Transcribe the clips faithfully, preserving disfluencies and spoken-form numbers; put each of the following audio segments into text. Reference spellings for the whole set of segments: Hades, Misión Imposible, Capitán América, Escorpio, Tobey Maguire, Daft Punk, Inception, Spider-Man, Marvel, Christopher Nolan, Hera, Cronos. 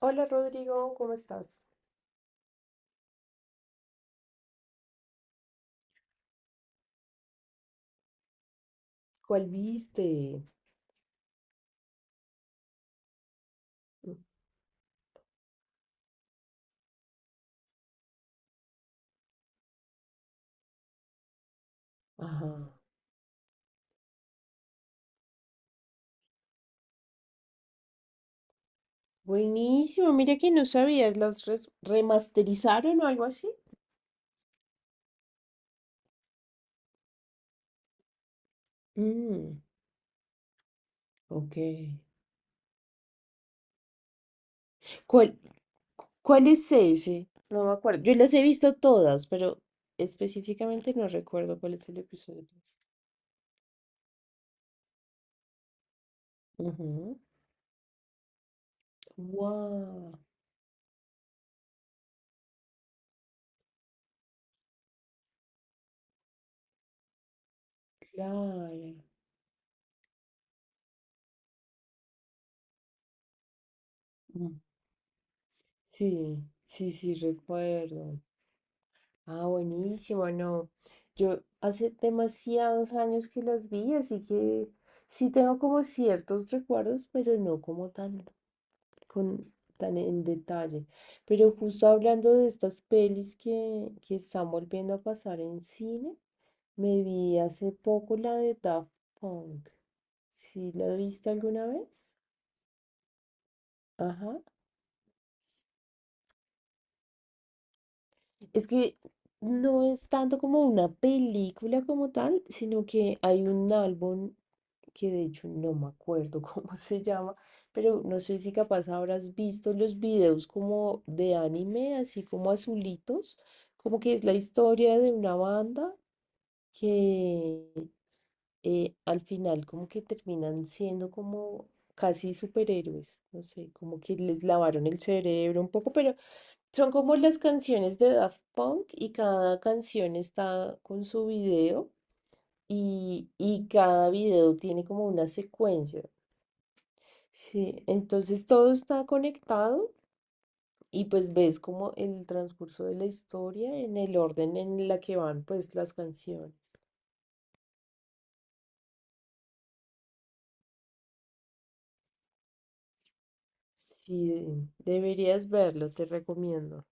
Hola Rodrigo, ¿cómo estás? ¿Cuál viste? Ajá. Buenísimo, mira que no sabías, las res- remasterizaron o algo así. Mm, ok. ¿Cuál, cu- Cuál es ese? No me acuerdo. Yo las he visto todas, pero específicamente no recuerdo cuál es el episodio. Wow, claro. Mm. Sí, sí, sí, recuerdo. Ah, buenísimo, no. Yo hace demasiados años que las vi, así que sí tengo como ciertos recuerdos, pero no como tan, con, tan en detalle. Pero justo hablando de estas pelis que, que están volviendo a pasar en cine, me vi hace poco la de Daft Punk. ¿Sí la viste alguna vez? Ajá. Es que no es tanto como una película como tal, sino que hay un álbum que de hecho no me acuerdo cómo se llama, pero no sé si capaz habrás visto los videos como de anime, así como azulitos, como que es la historia de una banda que eh, al final como que terminan siendo como casi superhéroes, no sé, como que les lavaron el cerebro un poco, pero son como las canciones de Daft Punk y cada canción está con su video. Y, y cada video tiene como una secuencia. Sí, entonces todo está conectado y pues ves como el transcurso de la historia en el orden en la que van pues las canciones. Sí, deberías verlo, te recomiendo.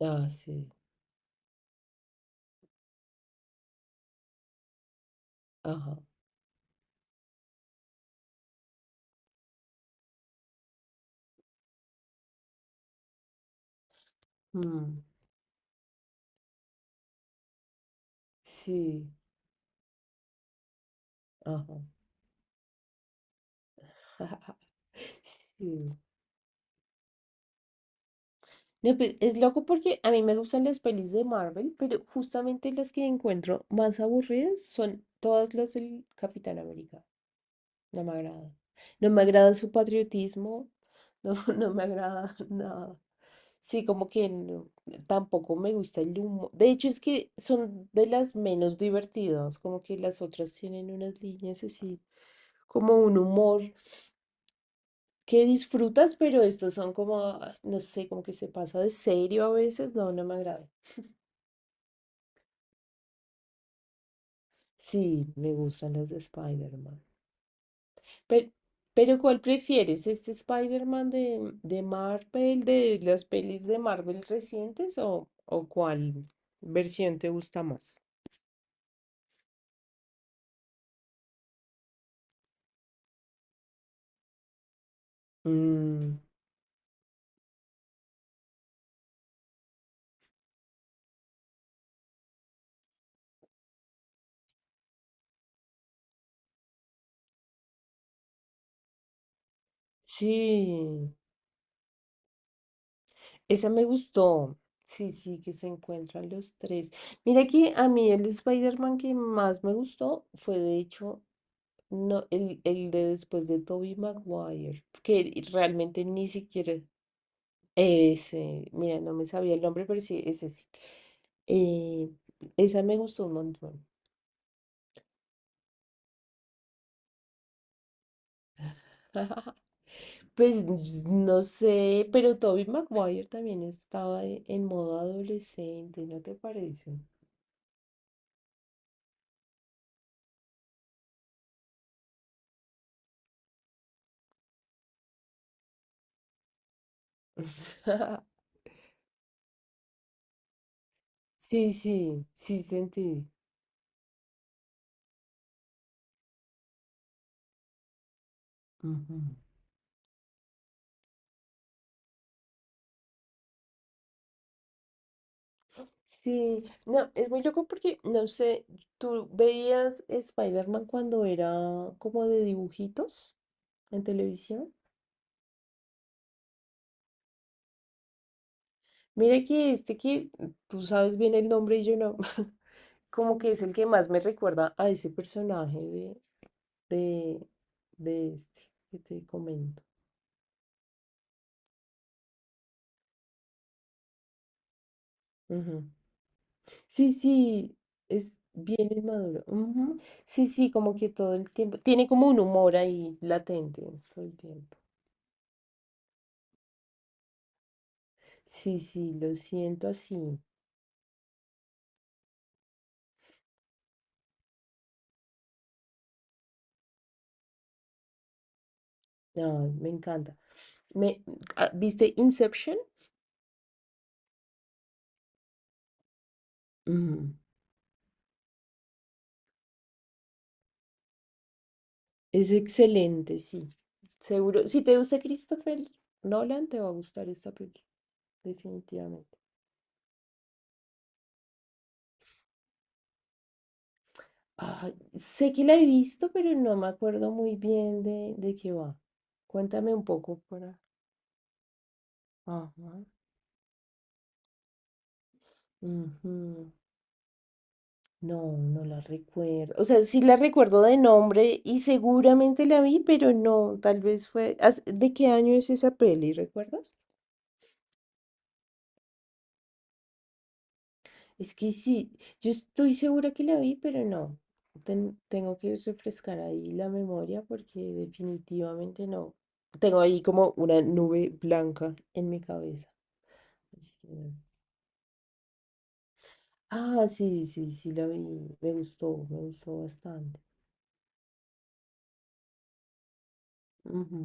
Ah, sí, ajá. Mm, sí, ajá. Sí. No, pero es loco porque a mí me gustan las pelis de Marvel, pero justamente las que encuentro más aburridas son todas las del Capitán América. No me agrada. No me agrada su patriotismo. No, no me agrada nada. Sí, como que no- tampoco me gusta el humo. De hecho, es que son de las menos divertidas. Como que las otras tienen unas líneas así, como un humor que disfrutas, pero estos son como, ah, no sé, como que se pasa de serio a veces. No, no me agrada. Sí, me gustan las de Spider-Man. Pe- Pero, ¿cuál prefieres? ¿Este Spider-Man de, de Marvel, de las pelis de Marvel recientes o, o cuál versión te gusta más? Mm, sí, esa me gustó. Sí, sí, que se encuentran los tres. Mira que a mí el Spider-Man que más me gustó fue de hecho no, el, el de después de Tobey Maguire, que realmente ni siquiera... Ese, mira, no me sabía el nombre, pero sí, ese sí. Eh, Esa me gustó un montón. Pues no sé, pero Toby Maguire también estaba e- en modo adolescente, ¿no te parece? Sí, sí, sí sentí. Ujú. Sí, no, es muy loco porque, no sé, ¿tú veías Spider-Man cuando era como de dibujitos en televisión? Mira que este que tú sabes bien el nombre y yo no. Como que es el que más me recuerda a ese personaje de, de, de este que te comento. Ujú. Sí, sí, es bien inmaduro. Ujú. Sí, sí, como que todo el tiempo. Tiene como un humor ahí latente todo el tiempo. Sí, sí, lo siento así. Ay, me encanta. Me, ah, ¿viste Inception? Ujú. Es excelente, sí. Seguro. Si te gusta Christopher Nolan, te va a gustar esta película, definitivamente. Ah, sé que la he visto, pero no me acuerdo muy bien de, de qué va. Cuéntame un poco para... Ajá. Ujú. No, no la recuerdo. O sea, sí la recuerdo de nombre y seguramente la vi, pero no, tal vez fue... ¿Hace- ¿De qué año es esa peli, recuerdas? Es que sí, yo estoy segura que la vi, pero no. Ten- tengo que refrescar ahí la memoria porque definitivamente no. Tengo ahí como una nube blanca en mi cabeza. Así que... Ah, sí, sí, sí, la vi. Me gustó, me gustó bastante. Ujú.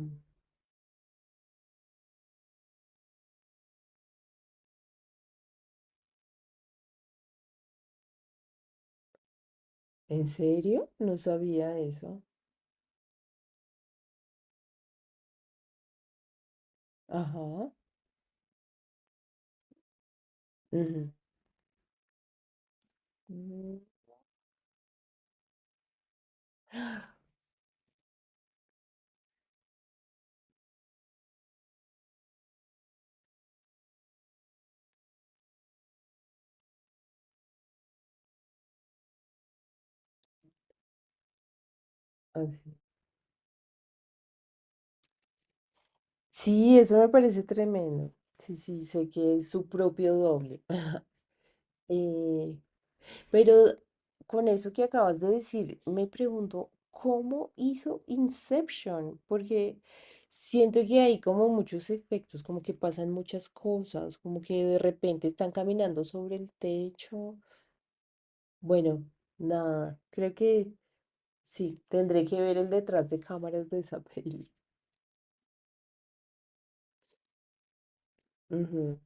¿En serio? No sabía eso. Ajá. Ujú. Mm, así. Sí, sí, eso me parece tremendo. Sí, sí, sé que es su propio doble. Eh, pero con eso que acabas de decir, me pregunto, ¿cómo hizo Inception? Porque siento que hay como muchos efectos, como que pasan muchas cosas, como que de repente están caminando sobre el techo. Bueno, nada, creo que sí, tendré que ver el detrás de cámaras de esa peli. Ujú.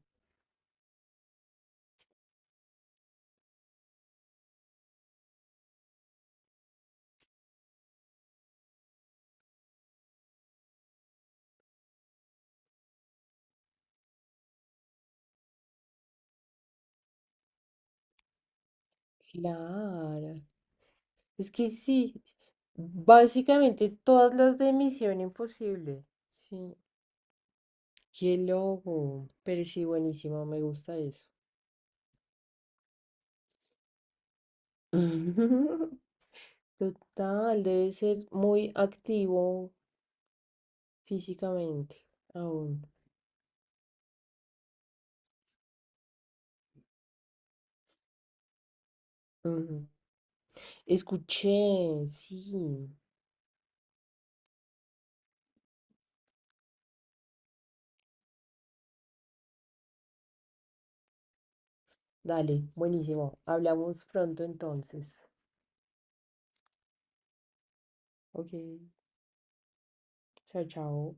Claro, es que sí, básicamente todas las de Misión Imposible, sí. Qué loco, pero sí, buenísimo, me gusta eso. Total, debe ser muy activo físicamente aún. Ujú. Escuché, sí. Dale, buenísimo. Hablamos pronto entonces. Ok, chao, chao.